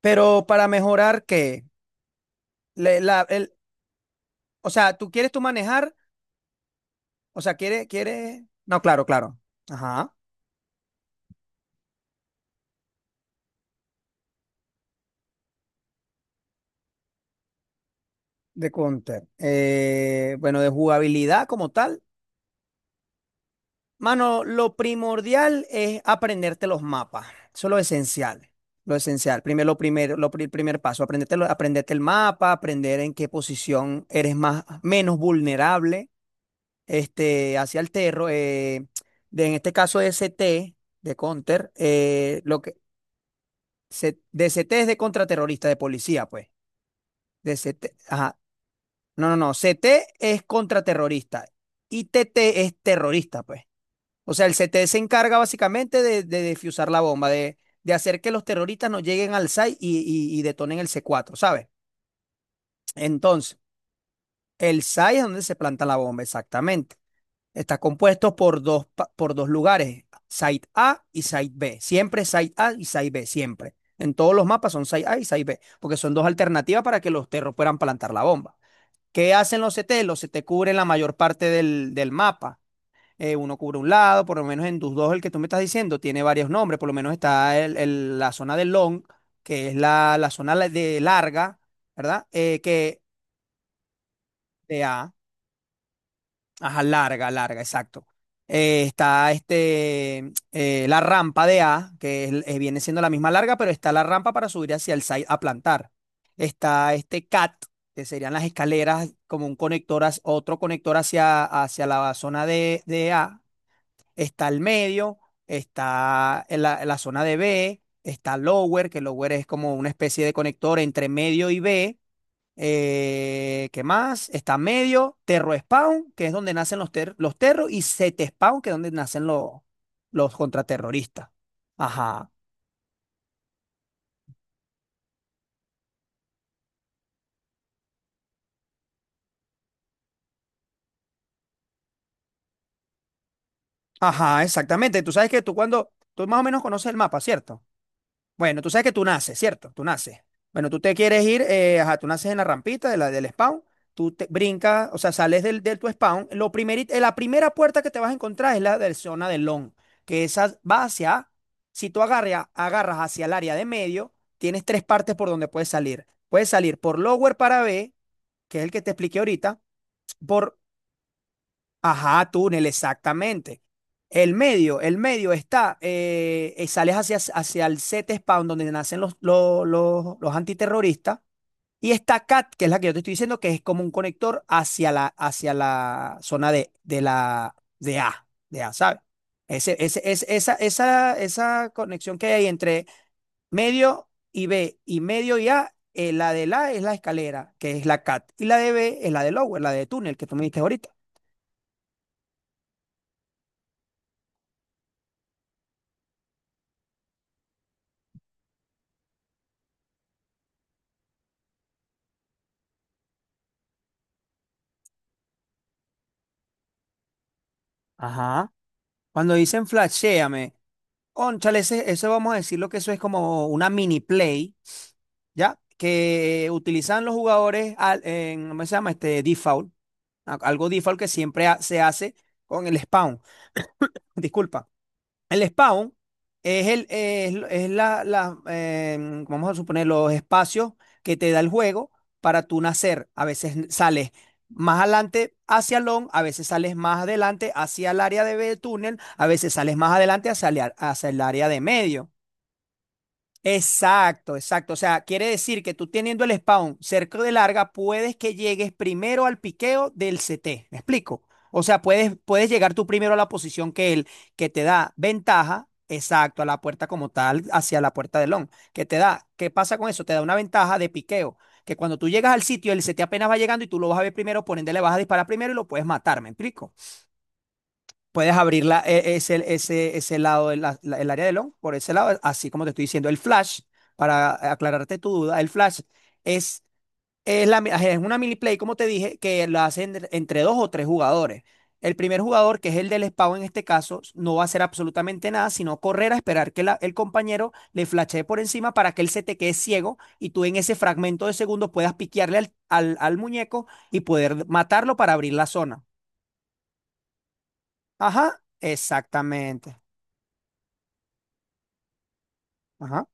Pero para mejorar qué. Le- la- el- o sea, tú quieres tú manejar. O sea, quieres, no, claro, claro, ajá, de counter. Bueno, de jugabilidad como tal, mano, lo primordial es aprenderte los mapas, eso es lo esencial, lo esencial. Primero, lo primero, el primer paso, aprenderte el mapa, aprender en qué posición eres más, menos vulnerable, este, hacia el terror, en este caso ST de Counter, de CT es de contraterrorista, de policía, pues. De CT, ajá. No, no, no. CT es contraterrorista y TT es terrorista, pues. O sea, el CT se encarga básicamente de defusar la bomba, de hacer que los terroristas no lleguen al SAI y y detonen el C4, ¿sabes? Entonces, el SAI es donde se planta la bomba, exactamente. Está compuesto por por dos lugares, Site A y Site B. Siempre Site A y Site B, siempre. En todos los mapas son Site A y Site B, porque son dos alternativas para que los terros puedan plantar la bomba. ¿Qué hacen los CT? Los CT cubren la mayor parte del mapa. Uno cubre un lado, por lo menos en tus dos, el que tú me estás diciendo, tiene varios nombres. Por lo menos está la zona del long, que es la zona de larga, ¿verdad? Que de A. Ajá, larga, larga, exacto. Está este, la rampa de A, viene siendo la misma larga, pero está la rampa para subir hacia el site a plantar. Está este CAT, que serían las escaleras como un conector, otro conector hacia, la zona de A. Está el medio, está en la zona de B, está lower, que lower es como una especie de conector entre medio y B. ¿Qué más? Está medio, terro spawn, que es donde nacen los terros, y set spawn, que es donde nacen los contraterroristas. Ajá, ajá, exactamente. Tú sabes que tú tú más o menos conoces el mapa, ¿cierto? Bueno, tú sabes que tú naces, ¿cierto? Tú naces. Bueno, tú te quieres ir, ajá, tú naces en la rampita del spawn, tú te brincas, o sea, sales del tu spawn. La primera puerta que te vas a encontrar es la de zona del long, que esa va hacia, si tú agarras hacia el área de medio, tienes tres partes por donde puedes salir. Puedes salir por lower para B, que es el que te expliqué ahorita, por ajá, túnel, exactamente. El medio sales hacia el set spawn donde nacen los, los antiterroristas, y está CAT, que es la que yo te estoy diciendo, que es como un conector hacia la zona de, de A, ¿sabes? Ese, es- esa conexión que hay entre medio y B y medio y A, la de la es la escalera, que es la CAT, y la de B es la de lower, la de túnel, que tú me diste ahorita. Ajá. Cuando dicen flashéame, ónchale, eso vamos a decirlo que eso es como una mini play, ¿ya? Que utilizan los jugadores en, ¿cómo se llama? Este default, algo default que siempre se hace con el spawn, disculpa. El spawn es la, vamos a suponer, los espacios que te da el juego para tú nacer. A veces sales más adelante hacia long, a veces sales más adelante hacia el área de túnel, a veces sales más adelante hacia hacia el área de medio. Exacto, exacto. O sea, quiere decir que tú teniendo el spawn cerca de larga, puedes que llegues primero al piqueo del CT. ¿Me explico? O sea, puedes llegar tú primero a la posición que te da ventaja, exacto, a la puerta como tal, hacia la puerta del long, que te da. ¿Qué pasa con eso? Te da una ventaja de piqueo, que cuando tú llegas al sitio, el CT apenas va llegando y tú lo vas a ver primero, por ende le vas a disparar primero y lo puedes matar, ¿me explico? Puedes abrir ese lado, el área de long, por ese lado, así como te estoy diciendo. El flash, para aclararte tu duda, el flash es, es una mini play, como te dije, que la hacen entre dos o tres jugadores. El primer jugador, que es el del espado en este caso, no va a hacer absolutamente nada, sino correr a esperar que el compañero le flashee por encima para que él se te quede ciego y tú en ese fragmento de segundo puedas piquearle al al muñeco y poder matarlo para abrir la zona. Ajá, exactamente. Ajá.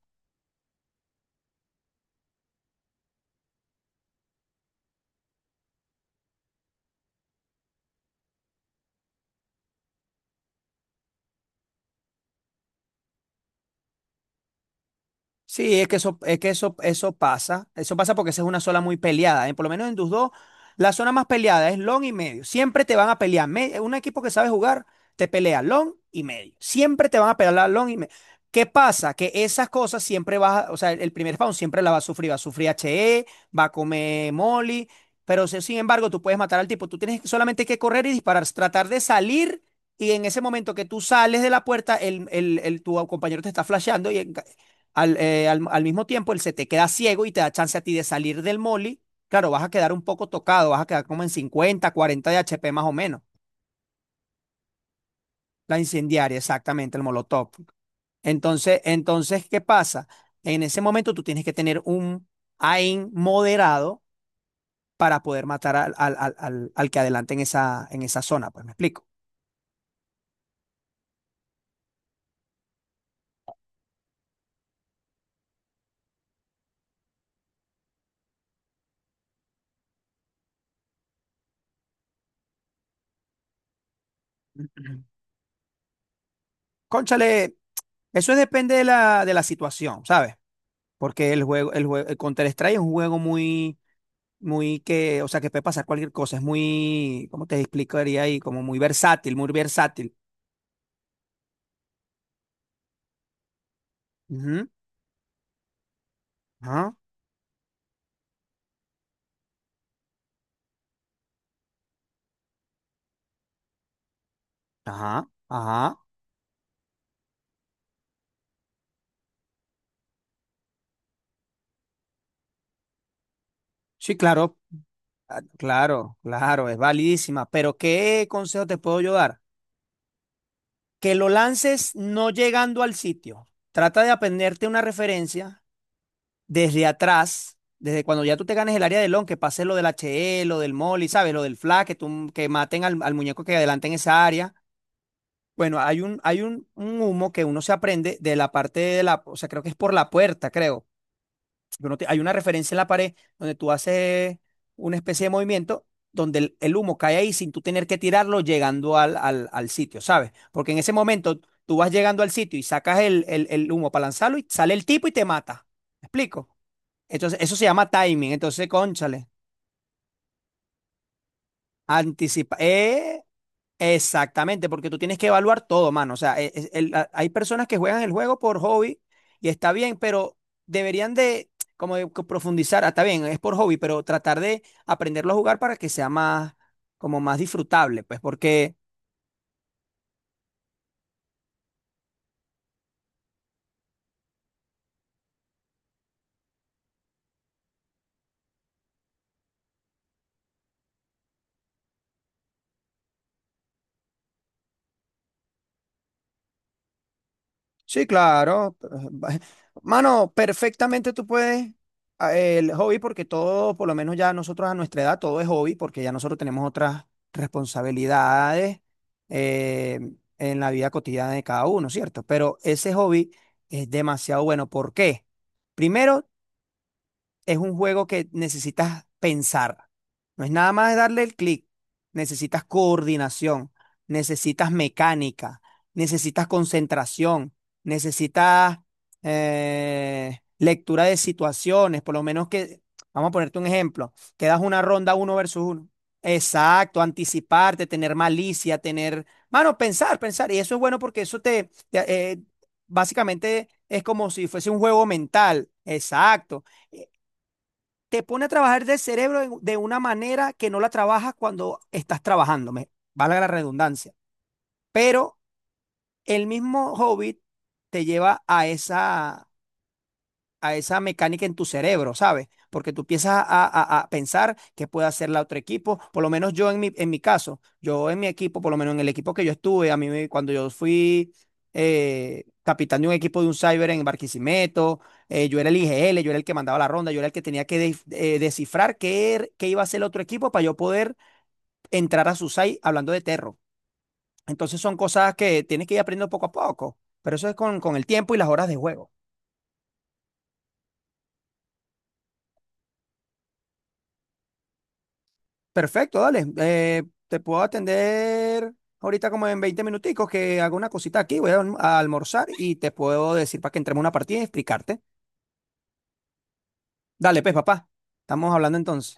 Sí, eso pasa. Eso pasa porque esa es una zona muy peleada, ¿eh? Por lo menos en tus dos, la zona más peleada es long y medio. Siempre te van a pelear. Un equipo que sabe jugar te pelea long y medio. Siempre te van a pelear la long y medio. ¿Qué pasa? Que esas cosas siempre o sea, el primer round siempre la va a sufrir. Va a sufrir HE, va a comer Molly. Pero sin embargo, tú puedes matar al tipo. Tú tienes solamente que correr y disparar, tratar de salir. Y en ese momento que tú sales de la puerta, tu compañero te está flasheando y al mismo tiempo, él se te queda ciego y te da chance a ti de salir del molly. Claro, vas a quedar un poco tocado, vas a quedar como en 50, 40 de HP más o menos. La incendiaria, exactamente, el molotov. Entonces, ¿qué pasa? En ese momento tú tienes que tener un aim moderado para poder matar al que adelante en esa zona, pues me explico. Cónchale, eso depende de de la situación, ¿sabes? Porque el Counter-Strike es un juego muy muy o sea, que puede pasar cualquier cosa, es muy, ¿cómo te explicaría ahí? Como muy versátil, muy versátil. Ujú, ajá, ajá, ajá. Sí, claro, ah, claro, claro, es validísima. Pero ¿qué consejo te puedo yo dar? Que lo lances no llegando al sitio. Trata de aprenderte una referencia desde atrás, desde cuando ya tú te ganes el área del long, que pase lo del HE, lo del molly, ¿sabes? Lo del flag, que maten al muñeco que adelante en esa área. Bueno, hay un, un humo que uno se aprende de la parte de o sea, creo que es por la puerta, creo. Que hay una referencia en la pared donde tú haces una especie de movimiento donde el humo cae ahí sin tú tener que tirarlo llegando al, al sitio, ¿sabes? Porque en ese momento tú vas llegando al sitio y sacas el humo para lanzarlo y sale el tipo y te mata. ¿Me explico? Entonces, eso se llama timing. Entonces, cónchale, anticipa. Exactamente, porque tú tienes que evaluar todo, mano. O sea, hay personas que juegan el juego por hobby y está bien, pero deberían de como profundizar. Ah, está bien, es por hobby, pero tratar de aprenderlo a jugar para que sea más, como más disfrutable, pues, porque sí, claro. pero, mano, perfectamente tú puedes el hobby porque todo, por lo menos ya nosotros a nuestra edad, todo es hobby porque ya nosotros tenemos otras responsabilidades, eh, en la vida cotidiana de cada uno, ¿cierto? Pero ese hobby es demasiado bueno. ¿Por qué? Primero, es un juego que necesitas pensar. No es nada más darle el clic. Necesitas coordinación, necesitas mecánica, necesitas concentración, necesitas, lectura de situaciones, por lo menos que, vamos a ponerte un ejemplo, que das una ronda uno versus uno. Exacto, anticiparte, tener malicia, tener, mano, pensar, pensar. Y eso es bueno porque eso básicamente es como si fuese un juego mental. Exacto, te pone a trabajar del cerebro de una manera que no la trabajas cuando estás trabajando, valga la redundancia. Pero el mismo Hobbit te lleva a esa mecánica en tu cerebro, ¿sabes? Porque tú empiezas a pensar qué puede hacer la otro equipo. Por lo menos yo en mi caso, yo en mi equipo, por lo menos en el equipo que yo estuve, cuando yo fui, capitán de un equipo de un cyber en Barquisimeto, yo era el IGL, yo era el que mandaba la ronda, yo era el que tenía que, descifrar qué iba a hacer el otro equipo para yo poder entrar a su site hablando de terro. Entonces son cosas que tienes que ir aprendiendo poco a poco, pero eso es con el tiempo y las horas de juego. Perfecto, dale. Te puedo atender ahorita como en 20 minuticos que hago una cosita aquí, voy a almorzar y te puedo decir para que entremos a una partida y explicarte. Dale, pues, papá. Estamos hablando entonces.